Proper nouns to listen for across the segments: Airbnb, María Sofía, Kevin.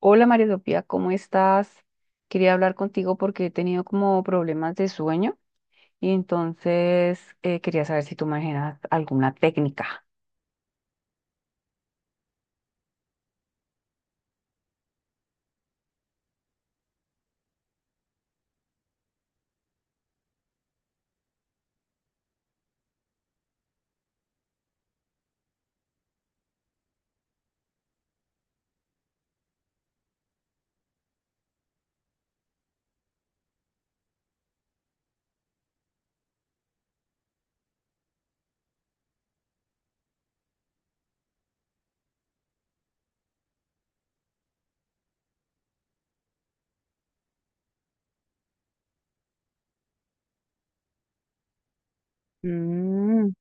Hola María Sofía, ¿cómo estás? Quería hablar contigo porque he tenido como problemas de sueño y entonces quería saber si tú manejas alguna técnica. Mm.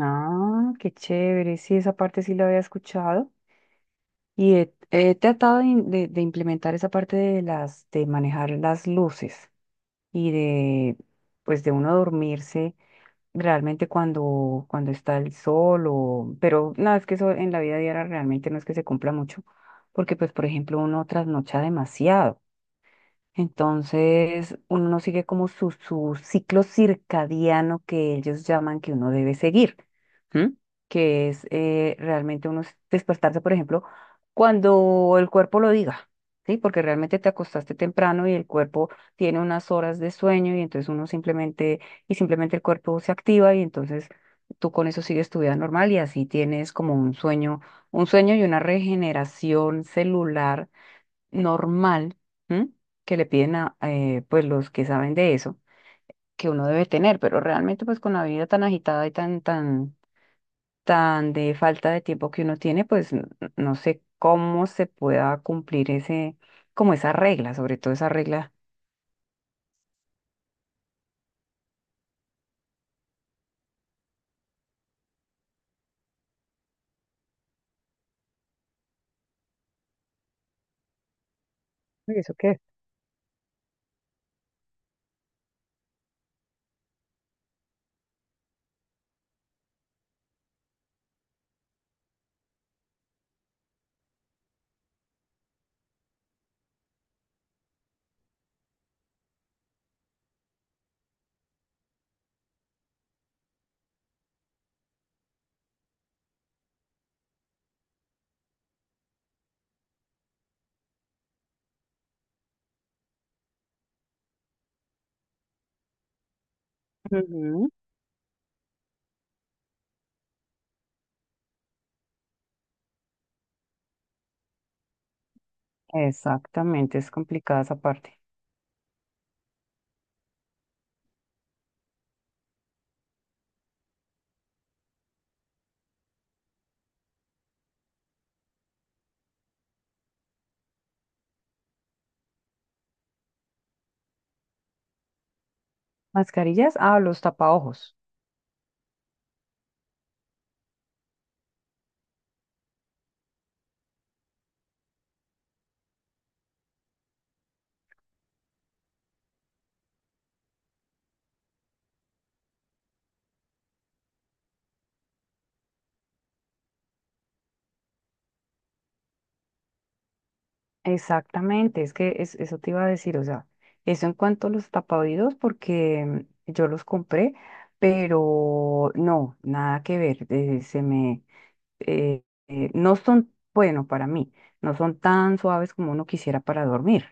Ah, qué chévere, sí, esa parte sí la había escuchado y he tratado de, de implementar esa parte de de manejar las luces y de, pues de uno dormirse realmente cuando está el sol o... Pero no, es que eso en la vida diaria realmente no es que se cumpla mucho, porque pues por ejemplo uno trasnocha demasiado. Entonces, uno no sigue como su ciclo circadiano que ellos llaman que uno debe seguir, ¿m? Que es realmente uno despertarse, por ejemplo, cuando el cuerpo lo diga, ¿sí? Porque realmente te acostaste temprano y el cuerpo tiene unas horas de sueño y entonces uno simplemente, y simplemente el cuerpo se activa y entonces tú con eso sigues tu vida normal y así tienes como un sueño y una regeneración celular normal. ¿M? Que le piden a pues los que saben de eso que uno debe tener, pero realmente pues con la vida tan agitada y tan de falta de tiempo que uno tiene, pues no sé cómo se pueda cumplir ese como esa regla, sobre todo esa regla. Uy, ¿eso qué? Ujú. Exactamente, es complicada esa parte. Mascarillas, ah, los tapaojos. Exactamente, es que eso te iba a decir, o sea, eso en cuanto a los tapaoídos, porque yo los compré, pero no, nada que ver, se me, eh, no son, bueno, para mí, no son tan suaves como uno quisiera para dormir.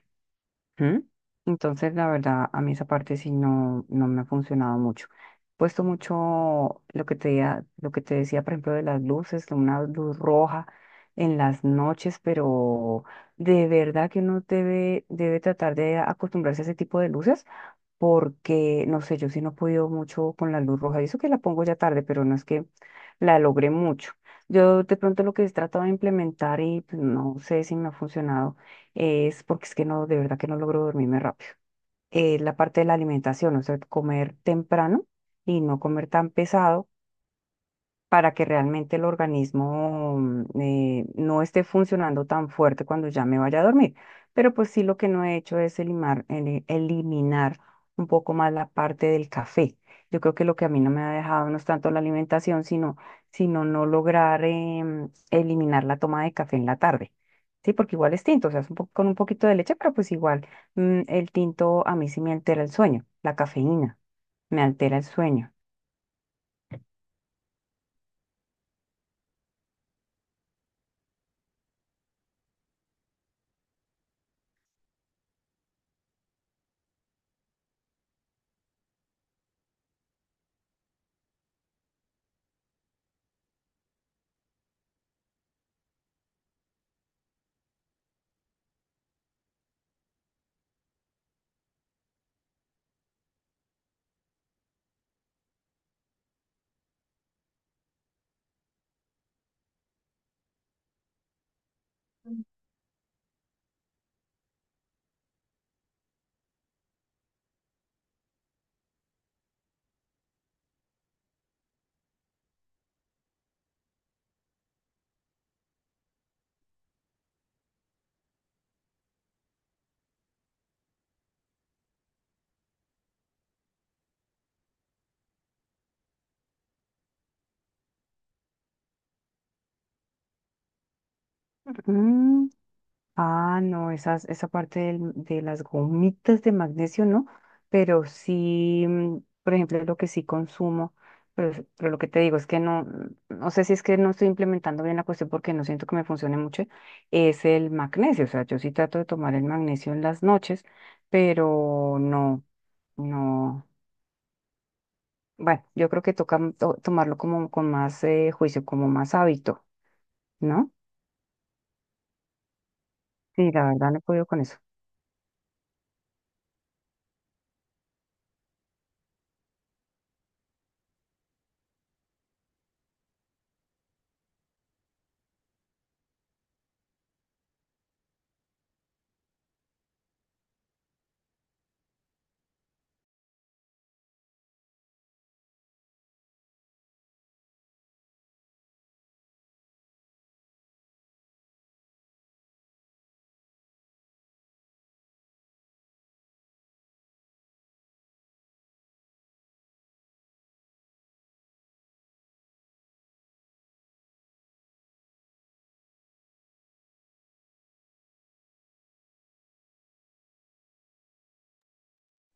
¿Mm? Entonces, la verdad, a mí esa parte sí no me ha funcionado mucho. Puesto mucho lo que te, lo que te decía, por ejemplo, de las luces, una luz roja en las noches, pero de verdad que uno debe tratar de acostumbrarse a ese tipo de luces, porque, no sé, yo sí no he podido mucho con la luz roja, y eso que la pongo ya tarde, pero no es que la logré mucho. Yo de pronto lo que he tratado de implementar y pues, no sé si me ha funcionado es porque es que no, de verdad que no logro dormirme rápido. La parte de la alimentación, o sea, comer temprano y no comer tan pesado para que realmente el organismo no esté funcionando tan fuerte cuando ya me vaya a dormir. Pero pues sí, lo que no he hecho es eliminar un poco más la parte del café. Yo creo que lo que a mí no me ha dejado no es tanto la alimentación, sino no lograr eliminar la toma de café en la tarde. Sí, porque igual es tinto, o sea, es un con un poquito de leche, pero pues igual el tinto a mí sí me altera el sueño, la cafeína me altera el sueño. Mm. Ah, no, esa parte de las gomitas de magnesio no, pero sí, mm, por ejemplo, lo que sí consumo, pero, pero lo que te digo es que no, no sé si es que no estoy implementando bien la cuestión porque no siento que me funcione mucho, es el magnesio, o sea, yo sí trato de tomar el magnesio en las noches, pero no, no, bueno, yo creo que toca tomarlo como con más juicio, como más hábito, ¿no? Sí, la verdad no he podido con eso.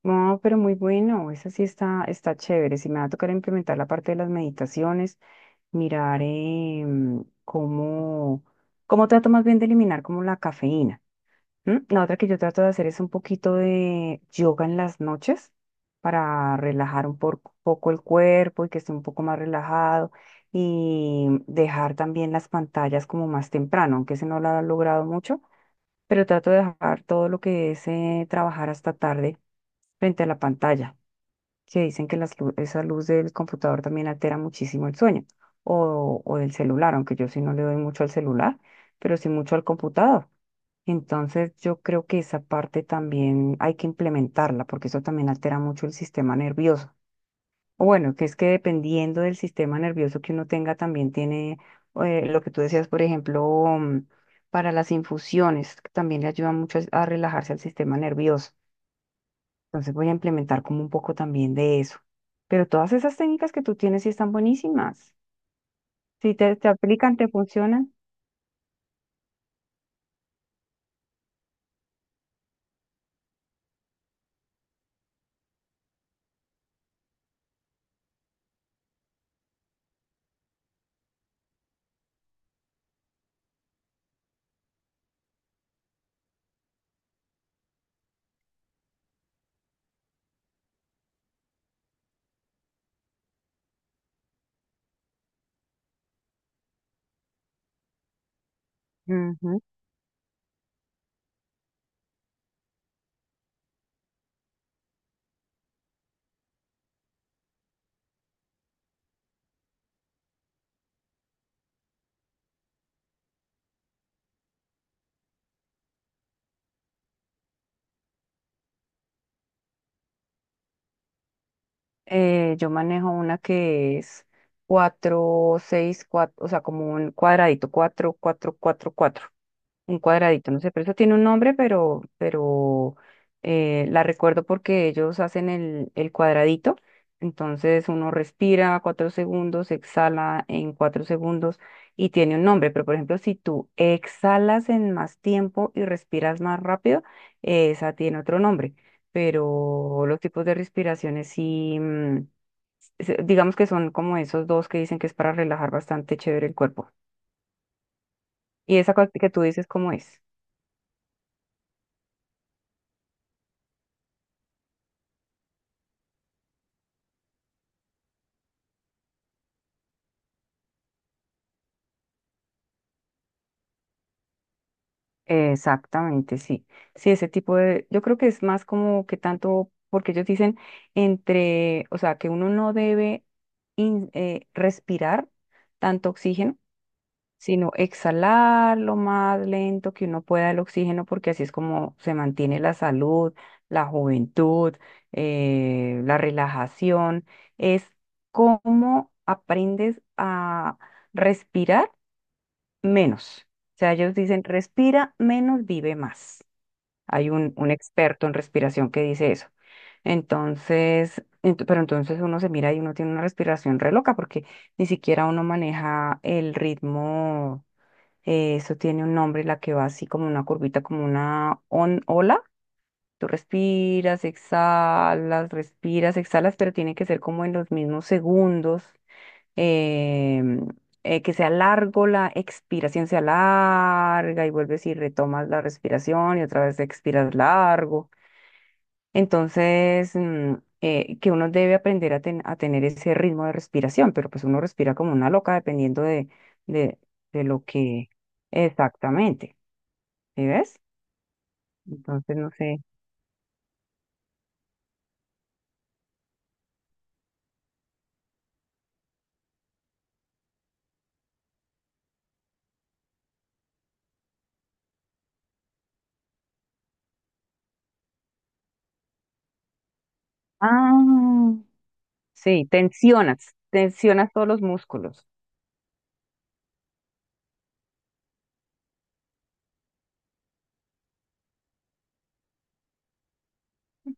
No, pero muy bueno, esa sí está, está chévere. Si me va a tocar implementar la parte de las meditaciones, mirar cómo, cómo trato más bien de eliminar como la cafeína. ¿M? La otra que yo trato de hacer es un poquito de yoga en las noches para relajar un poco el cuerpo y que esté un poco más relajado y dejar también las pantallas como más temprano, aunque ese no lo ha logrado mucho, pero trato de dejar todo lo que es trabajar hasta tarde frente a la pantalla que dicen que esa luz del computador también altera muchísimo el sueño o del celular, aunque yo sí no le doy mucho al celular, pero sí mucho al computador. Entonces yo creo que esa parte también hay que implementarla porque eso también altera mucho el sistema nervioso. O bueno, que es que dependiendo del sistema nervioso que uno tenga también tiene lo que tú decías, por ejemplo, mm, para las infusiones, que también le ayuda mucho a relajarse al sistema nervioso. Entonces voy a implementar como un poco también de eso. Pero todas esas técnicas que tú tienes sí están buenísimas. Si te aplican, te funcionan. Ujú. Yo manejo una que es 4 6 4, o sea, como un cuadradito, 4 4 4 4. Un cuadradito, no sé, pero eso tiene un nombre, pero la recuerdo porque ellos hacen el cuadradito. Entonces uno respira cuatro segundos, exhala en cuatro segundos y tiene un nombre. Pero por ejemplo, si tú exhalas en más tiempo y respiras más rápido, esa tiene otro nombre. Pero los tipos de respiraciones sí, digamos que son como esos dos que dicen que es para relajar bastante chévere el cuerpo. ¿Y esa cosa que tú dices cómo es? Exactamente, sí. Sí, ese tipo de, yo creo que es más como que tanto, porque ellos dicen entre, o sea, que uno no debe respirar tanto oxígeno, sino exhalar lo más lento que uno pueda el oxígeno, porque así es como se mantiene la salud, la juventud, la relajación. Es cómo aprendes a respirar menos. O sea, ellos dicen, respira menos, vive más. Hay un experto en respiración que dice eso. Entonces, pero entonces uno se mira y uno tiene una respiración re loca porque ni siquiera uno maneja el ritmo. Eso tiene un nombre, la que va así como una curvita, como una ola. Tú respiras, exhalas, pero tiene que ser como en los mismos segundos em, que sea largo, la expiración sea larga y vuelves y retomas la respiración y otra vez expiras largo. Entonces, que uno debe aprender a tener ese ritmo de respiración, pero pues uno respira como una loca dependiendo de, de lo que exactamente, ¿sí ves? Entonces, no sé. Ah, sí, tensionas, tensionas todos los músculos.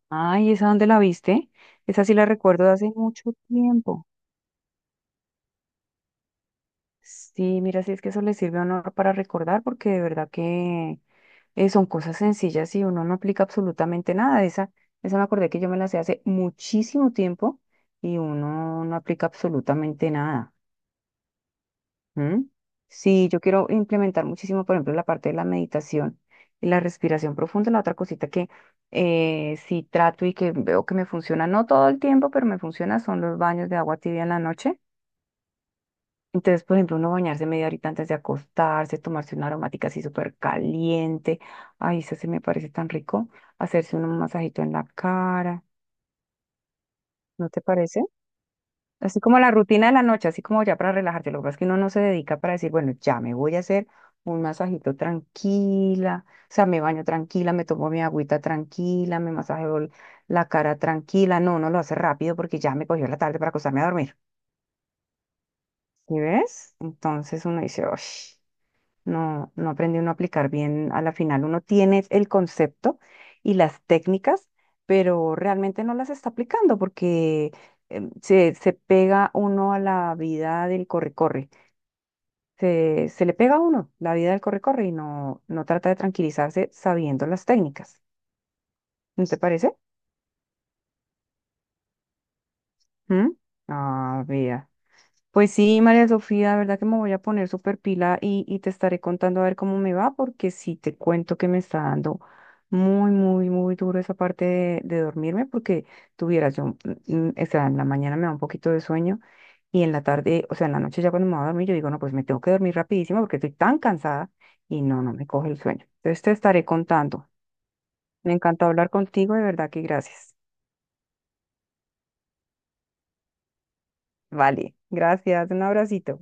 Ay, ¿esa dónde la viste? Esa sí la recuerdo de hace mucho tiempo. Sí, mira, si es que eso le sirve a uno para recordar, porque de verdad que son cosas sencillas y uno no aplica absolutamente nada. Esa me acordé que yo me la sé hace muchísimo tiempo y uno no aplica absolutamente nada. ¿Mm? Sí, yo quiero implementar muchísimo, por ejemplo, la parte de la meditación y la respiración profunda, la otra cosita que sí trato y que veo que me funciona, no todo el tiempo, pero me funciona, son los baños de agua tibia en la noche. Entonces, por ejemplo, uno bañarse media horita antes de acostarse, tomarse una aromática así súper caliente. Ay, eso se me parece tan rico. Hacerse un masajito en la cara. ¿No te parece? Así como la rutina de la noche, así como ya para relajarte. Lo que pasa es que uno no se dedica para decir, bueno, ya me voy a hacer un masajito tranquila. O sea, me baño tranquila, me tomo mi agüita tranquila, me masajeo la cara tranquila. No, uno lo hace rápido porque ya me cogió la tarde para acostarme a dormir. ¿Sí ves? Entonces uno dice, uff, no aprende uno a aplicar bien a la final. Uno tiene el concepto y las técnicas, pero realmente no las está aplicando porque se pega uno a la vida del corre-corre. Se le pega a uno la vida del corre-corre y no trata de tranquilizarse sabiendo las técnicas. ¿No te parece? ¿Mm? Ah, vea. Pues sí, María Sofía, de verdad que me voy a poner súper pila y te estaré contando a ver cómo me va, porque sí te cuento que me está dando muy, muy, muy duro esa parte de dormirme, porque tuvieras yo, o sea, en la mañana me da un poquito de sueño y en la tarde, o sea, en la noche ya cuando me voy a dormir, yo digo, no, pues me tengo que dormir rapidísimo porque estoy tan cansada y no me coge el sueño. Entonces te estaré contando. Me encantó hablar contigo, de verdad que gracias. Vale, gracias, un abracito.